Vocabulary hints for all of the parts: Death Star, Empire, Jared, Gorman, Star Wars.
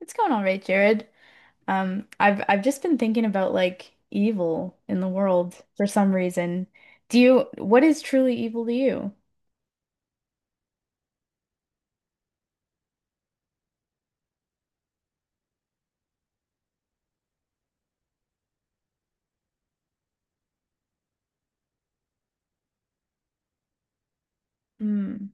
It's going all right, Jared. I've just been thinking about like evil in the world for some reason. What is truly evil to you? Hmm.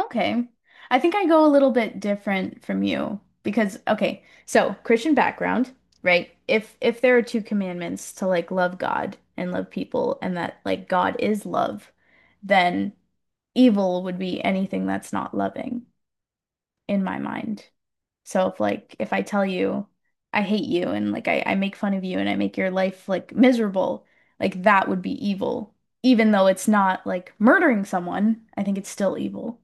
Okay. I think I go a little bit different from you because okay, so Christian background, right? If there are two commandments to like love God and love people and that like God is love, then evil would be anything that's not loving, in my mind. So if like if I tell you I hate you and like I make fun of you and I make your life like miserable, like that would be evil. Even though it's not like murdering someone, I think it's still evil.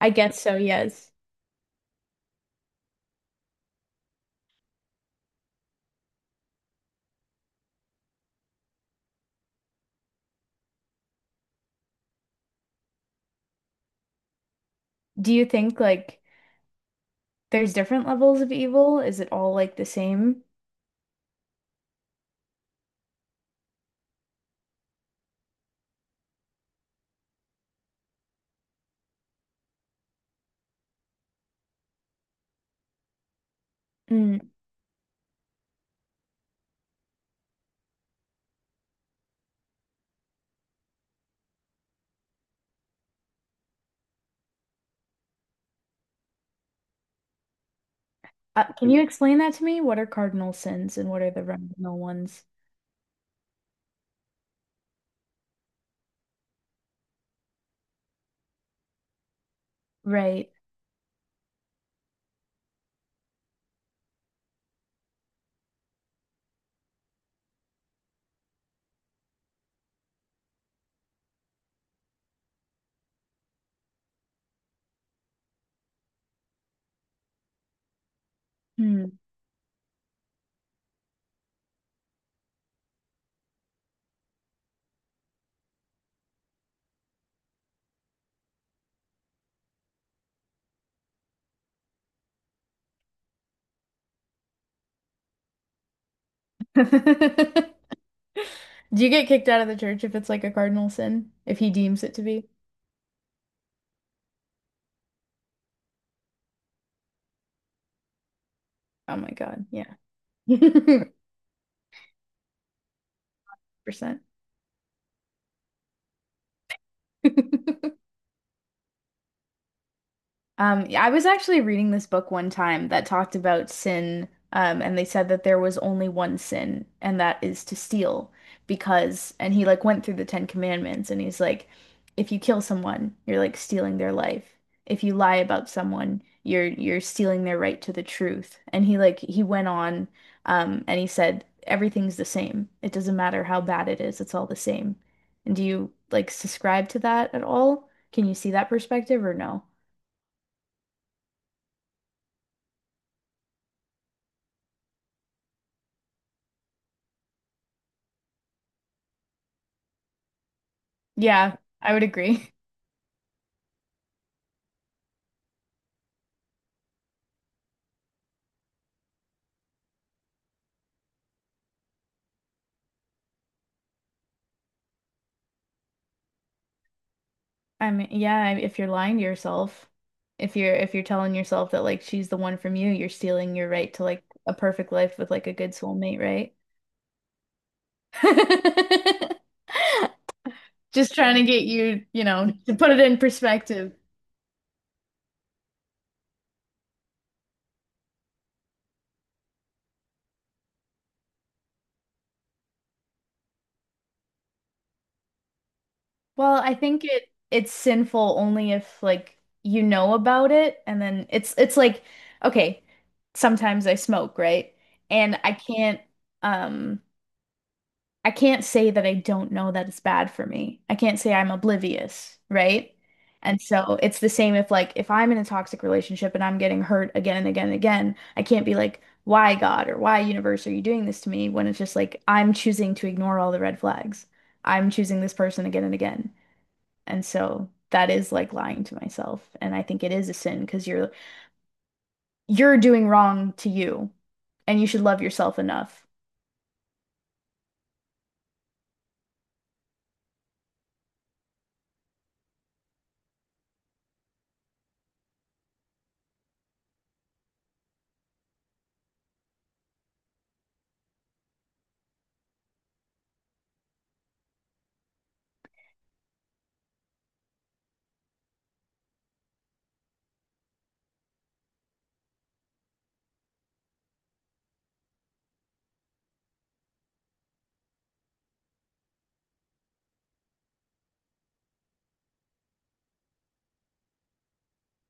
I guess so, yes. Do you think like there's different levels of evil? Is it all like the same? Mm. Can you explain that to me? What are cardinal sins and what are the remnal ones? Right. Hmm. Do you get kicked out of the church if it's like a cardinal sin? If he deems it to be? Oh my God, yeah. 100%. Yeah, I was actually reading this book one time that talked about sin, and they said that there was only one sin, and that is to steal, because, and he like went through the Ten Commandments, and he's like, if you kill someone, you're like stealing their life. If you lie about someone, you're stealing their right to the truth. And he went on, and he said everything's the same. It doesn't matter how bad it is, it's all the same. And do you like subscribe to that at all? Can you see that perspective or no? Yeah, I would agree. I mean, yeah, if you're lying to yourself, if you're telling yourself that like she's the one from you, you're stealing your right to like a perfect life with like a good soulmate, right? Just trying to get you, to put it in perspective. Well, I think it's sinful only if like you know about it and then it's like okay, sometimes I smoke, right? And um I can't say that I don't know that it's bad for me. I can't say I'm oblivious, right? And so it's the same if like if I'm in a toxic relationship and I'm getting hurt again and again and again, I can't be like, why God or why universe are you doing this to me? When it's just like I'm choosing to ignore all the red flags. I'm choosing this person again and again. And so that is like lying to myself. And I think it is a sin because you're doing wrong to you and you should love yourself enough.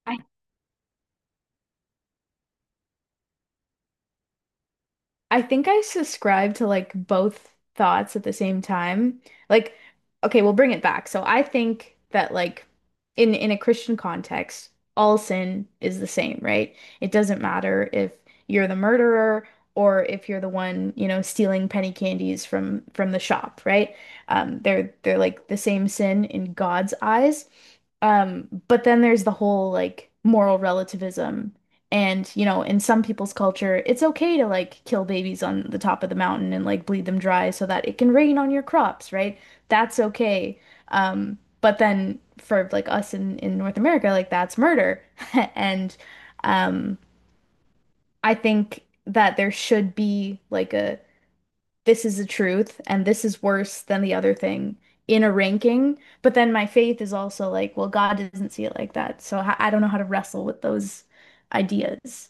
I I think I subscribe to like both thoughts at the same time. Like, okay, we'll bring it back. So I think that like in a Christian context, all sin is the same, right? It doesn't matter if you're the murderer or if you're the one, you know, stealing penny candies from the shop, right? They're like the same sin in God's eyes. But then there's the whole like moral relativism and, you know, in some people's culture, it's okay to like kill babies on the top of the mountain and like bleed them dry so that it can rain on your crops, right? That's okay. But then for like us in North America, like that's murder. And um, I think that there should be like a this is the truth and this is worse than the other thing in a ranking. But then my faith is also like, well, God doesn't see it like that. So I don't know how to wrestle with those ideas.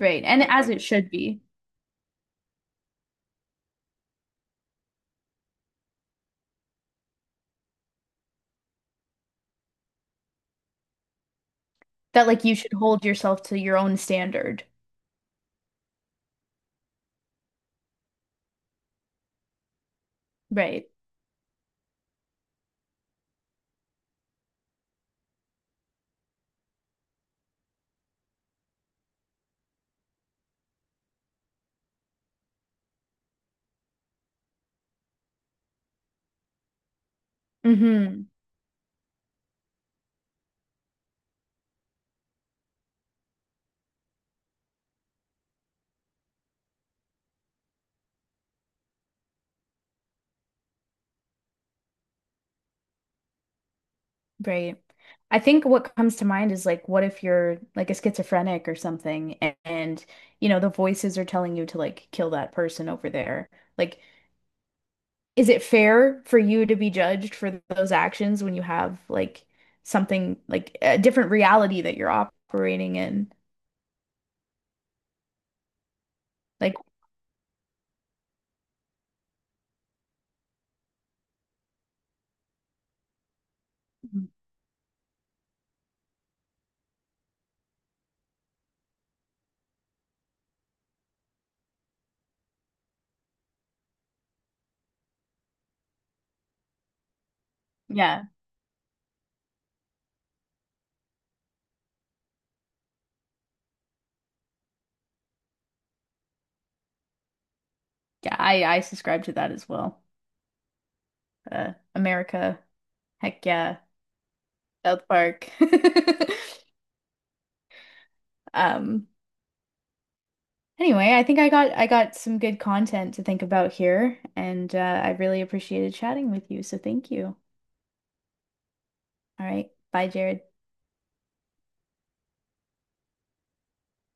Right. And as it should be, that like you should hold yourself to your own standard. Right. hmm Right. I think what comes to mind is like, what if you're like a schizophrenic or something and you know, the voices are telling you to like kill that person over there? Like, is it fair for you to be judged for those actions when you have like something like a different reality that you're operating in? Like, yeah, yeah, I subscribe to that as well. America, heck yeah. South Park. Um, anyway, I think I got some good content to think about here, and I really appreciated chatting with you, so thank you. All right, bye, Jared.